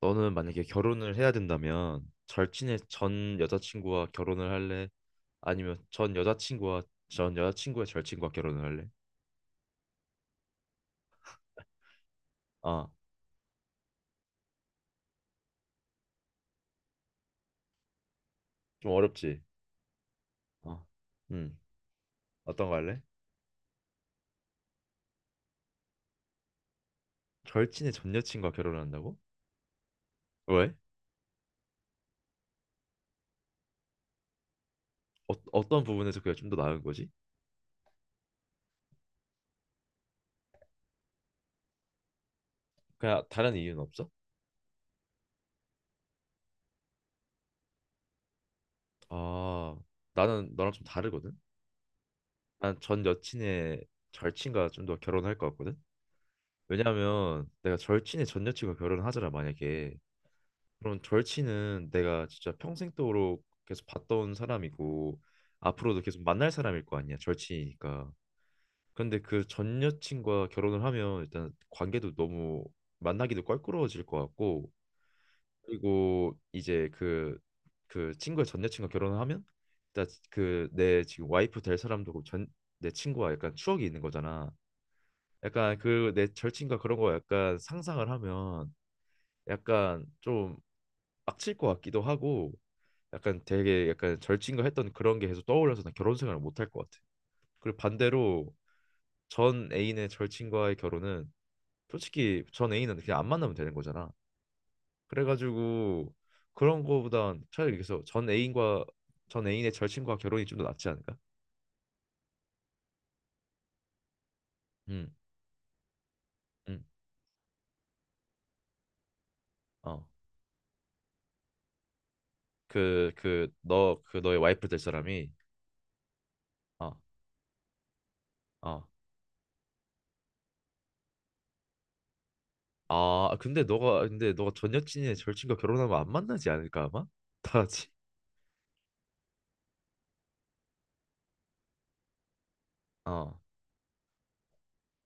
너는 만약에 결혼을 해야 된다면 절친의 전 여자친구와 결혼을 할래? 아니면 전 여자친구와 전 여자친구의 절친과 결혼을 할래? 아, 좀 어렵지. 어. 음, 어떤 거 할래? 절친의 전 여친과 결혼한다고? 왜? 어, 어떤 부분에서 그게 좀 더 나은 거지? 그냥 다른 이유는 없어? 아, 나는 너랑 좀 다르거든. 난 전 여친의 절친과 좀 더 결혼할 것 같거든. 왜냐하면 내가 절친의 전 여친과 결혼하잖아 을 만약에. 그런 절친은 내가 진짜 평생도록 계속 봤던 사람이고 앞으로도 계속 만날 사람일 거 아니야 절친이니까. 근데 그 전 여친과 결혼을 하면 일단 관계도 너무 만나기도 껄끄러워질 것 같고, 그리고 이제 그 친구의 전 여친과 결혼을 하면 일단 그 내 지금 와이프 될 사람도 전 내 친구와 약간 추억이 있는 거잖아. 약간 그 내 절친과 그런 거 약간 상상을 하면 약간 좀막칠것 같기도 하고, 약간 되게 약간 절친과 했던 그런 게 계속 떠올라서 난 결혼 생활을 못 할 것 같아. 그리고 반대로 전 애인의 절친과의 결혼은 솔직히 전 애인은 그냥 안 만나면 되는 거잖아. 그래가지고 그런 거보단 차라리 그래서 전 애인과 전 애인의 절친과 결혼이 좀 더 낫지 않을까? 음, 음, 어, 너, 그 너의 와이프 될 사람이, 어, 어, 아, 근데 너가 전 여친의 절친과 결혼하면 안 만나지 않을까 아마? 다 같이. 어.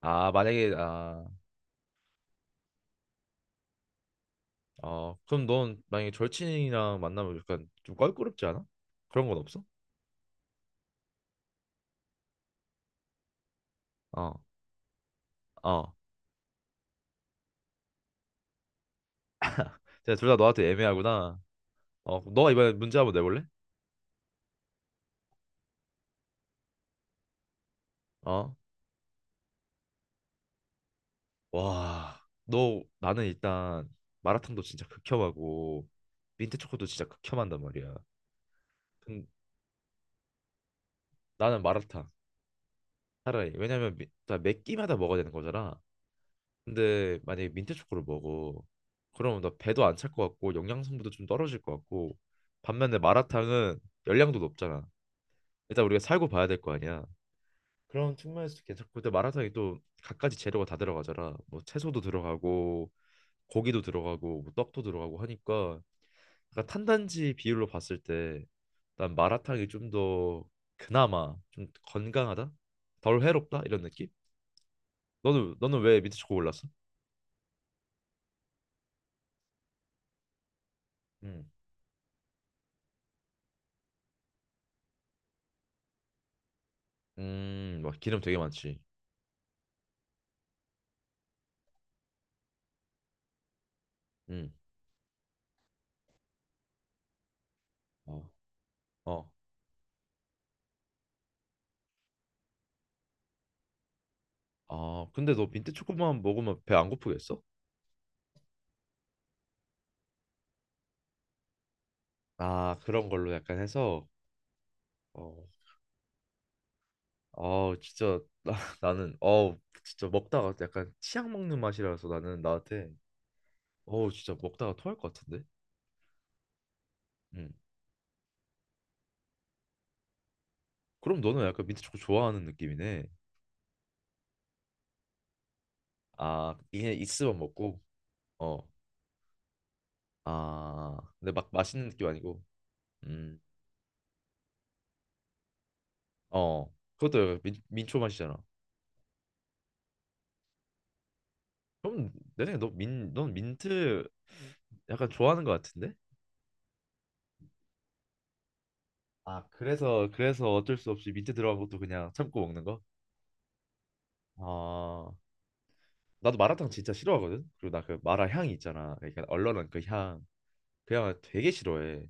아, 만약에 아 어, 그럼 넌 만약에 절친이랑 만나면 약간 좀 껄끄럽지 않아? 그런 건 없어? 어, 어. 제가 둘 다 너한테 애매하구나. 어, 그럼 너가 이번에 문제 한번 내볼래? 어? 와, 너 나는 일단 마라탕도 진짜 극혐하고 민트 초코도 진짜 극혐한단 말이야. 근 나는 마라탕 차라리 왜냐면 미, 나매 끼마다 먹어야 되는 거잖아. 근데 만약에 민트 초코를 먹어, 그러면 나 배도 안 찰 것 같고 영양 성분도 좀 떨어질 것 같고, 반면에 마라탕은 열량도 높잖아. 일단 우리가 살고 봐야 될 거 아니야. 그런 측면에서 괜찮고, 근데 마라탕이 또 갖가지 재료가 다 들어가잖아. 뭐 채소도 들어가고 고기도 들어가고 뭐 떡도 들어가고 하니까 약간 탄단지 비율로 봤을 때 난 마라탕이 좀 더 그나마 좀 건강하다? 덜 해롭다? 이런 느낌? 너는 왜 민트 초코 골랐어? 음. 막 기름 되게 많지. 음. 어. 어. 아, 근데 너 민트 초코만 먹으면 배 안 고프겠어? 아, 그런 걸로 약간 해서 어, 아 진짜 나, 나는 어 진짜 먹다가 약간 치약 먹는 맛이라서 나는 나한테 어 진짜 먹다가 토할 것 같은데. 음. 그럼 너는 약간 민트 초코 좋아하는 느낌이네. 아 이게 있으면 먹고 어 아 근데 막 맛있는 느낌 아니고 음어 그것도 약간 민, 민초 맛이잖아. 그럼 내 생각에 너민넌 민트 약간 좋아하는 것 같은데. 아 그래서 그래서 어쩔 수 없이 민트 들어간 것도 그냥 참고 먹는 거? 아 나도 마라탕 진짜 싫어하거든. 그리고 나 그 마라 향이 있잖아. 그러니까 얼얼한 그 향. 그 향을 되게 싫어해.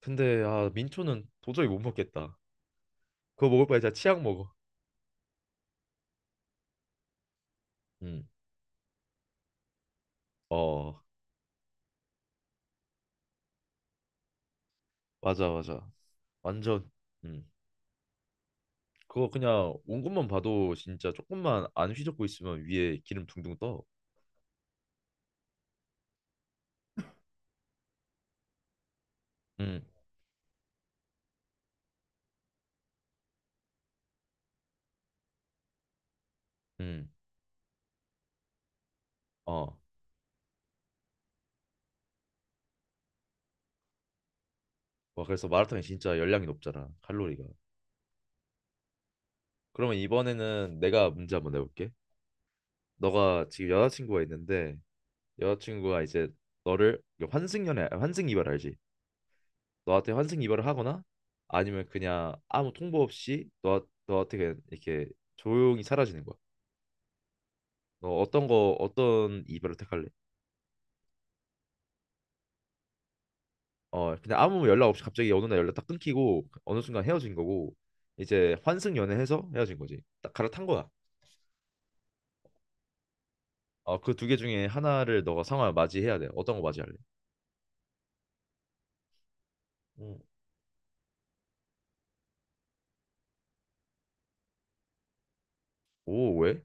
근데 아 민초는 도저히 못 먹겠다. 그거 먹을 바에 진짜 치약 먹어. 음. 어 맞아, 맞아. 완전. 음. 그거 그냥 온 것만 봐도 진짜 조금만 안 휘젓고 있으면 위에 기름 둥둥 떠. 음. 음. 어. 와 그래서 마라탕이 진짜 열량이 높잖아 칼로리가. 그러면 이번에는 내가 문제 한번 내볼게. 너가 지금 여자친구가 있는데 여자친구가 이제 너를 환승연애 환승 이별 알지? 너한테 환승 이별을 하거나 아니면 그냥 아무 통보 없이 너 너한테 그냥 이렇게 조용히 사라지는 거야. 너 어떤 이별을 택할래? 어 그냥 아무 연락 없이 갑자기 어느 날 연락 딱 끊기고 어느 순간 헤어진 거고 이제 환승 연애해서 헤어진 거지. 딱 갈아탄 거야. 어그 두 개 중에 하나를 너가 상황을 맞이해야 돼. 어떤 거 맞이할래? 음. 오 왜?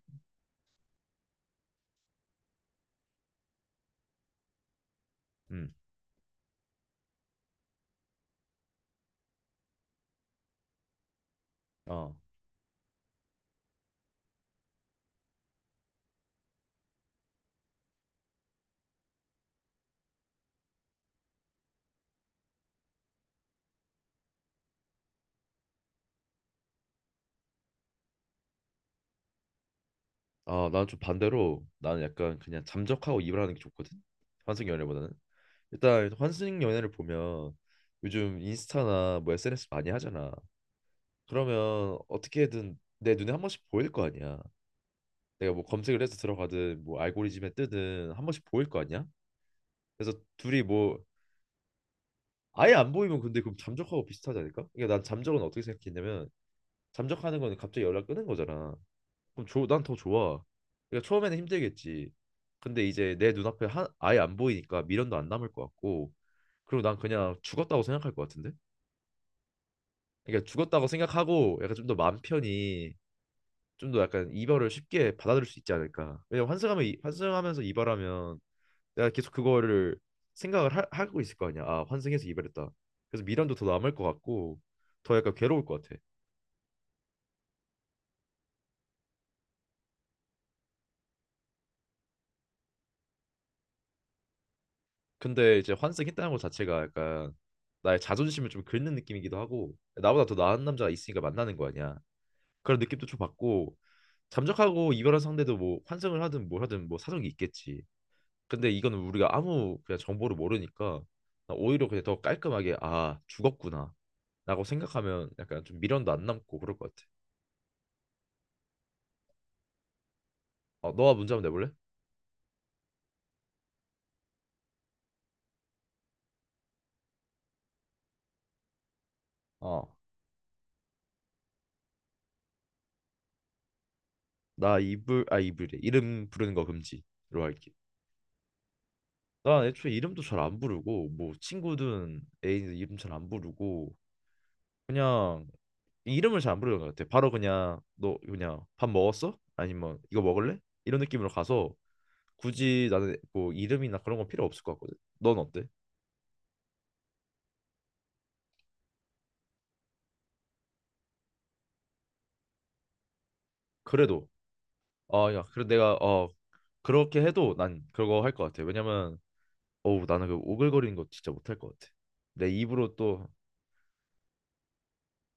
음. 어. 아, 난 좀 반대로 나는 약간 그냥 잠적하고 입을 하는 게 좋거든. 환승 연애보다는. 일단 환승 연애를 보면 요즘 인스타나 뭐 SNS 많이 하잖아. 그러면 어떻게든 내 눈에 한 번씩 보일 거 아니야. 내가 뭐 검색을 해서 들어가든 뭐 알고리즘에 뜨든 한 번씩 보일 거 아니야. 그래서 둘이 뭐 아예 안 보이면 근데 그럼 잠적하고 비슷하지 않을까? 그러니까 난 잠적은 어떻게 생각했냐면 잠적하는 거는 갑자기 연락 끊은 거잖아. 그럼 조, 난 더 좋아. 그러니까 처음에는 힘들겠지. 근데 이제 내 눈앞에 하, 아예 안 보이니까 미련도 안 남을 것 같고, 그리고 난 그냥 죽었다고 생각할 것 같은데? 그러니까 죽었다고 생각하고 약간 좀 더 마음 편히 좀 더 약간 이별을 쉽게 받아들일 수 있지 않을까? 왜냐면 환승하면 환승하면서 이별하면 내가 계속 그거를 생각을 하고 있을 거 아니야. 아, 환승해서 이별했다. 그래서 미련도 더 남을 것 같고 더 약간 괴로울 것 같아. 근데 이제 환승했다는 것 자체가 약간 나의 자존심을 좀 긁는 느낌이기도 하고 나보다 더 나은 남자가 있으니까 만나는 거 아니야. 그런 느낌도 좀 받고 잠적하고 이별한 상대도 뭐 환승을 하든 뭘 하든 뭐 사정이 있겠지. 근데 이거는 우리가 아무 그냥 정보를 모르니까 나 오히려 그냥 더 깔끔하게 아 죽었구나 라고 생각하면 약간 좀 미련도 안 남고 그럴 것 같아. 어 너가 문제 한번 내볼래? 어나 이불 아 이불이 래 이름 부르는 거 금지로 할게. 난 애초에 이름도 잘 안 부르고 뭐 친구든 애인 이름 잘 안 부르고 그냥 이름을 잘 안 부르는 것 같아. 바로 그냥 너 그냥 밥 먹었어? 아니면 이거 먹을래? 이런 느낌으로 가서 굳이 나는 뭐 이름이나 그런 건 필요 없을 것 같거든. 넌 어때? 그래도 아 야 그래 내가 어 그렇게 해도 난 그거 할 것 같아. 왜냐면 어우 나는 그 오글거리는 거 진짜 못 할 것 같아. 내 입으로 또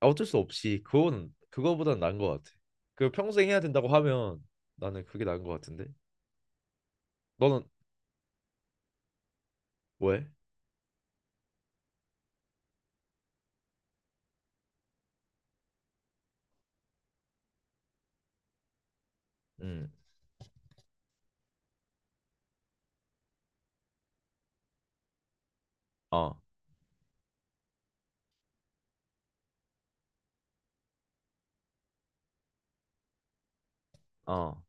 아, 어쩔 수 없이 그거는 그거보단 나은 것 같아. 그 평생 해야 된다고 하면 나는 그게 나은 것 같은데. 너는 왜? 음, 어, 어.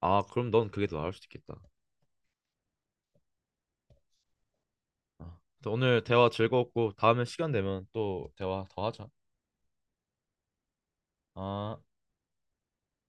아, 그럼 넌 그게 더 나을 수도 있겠다. 아, 아무튼 오늘 대화 즐거웠고 다음에 시간 되면 또 대화 더 하자. 아.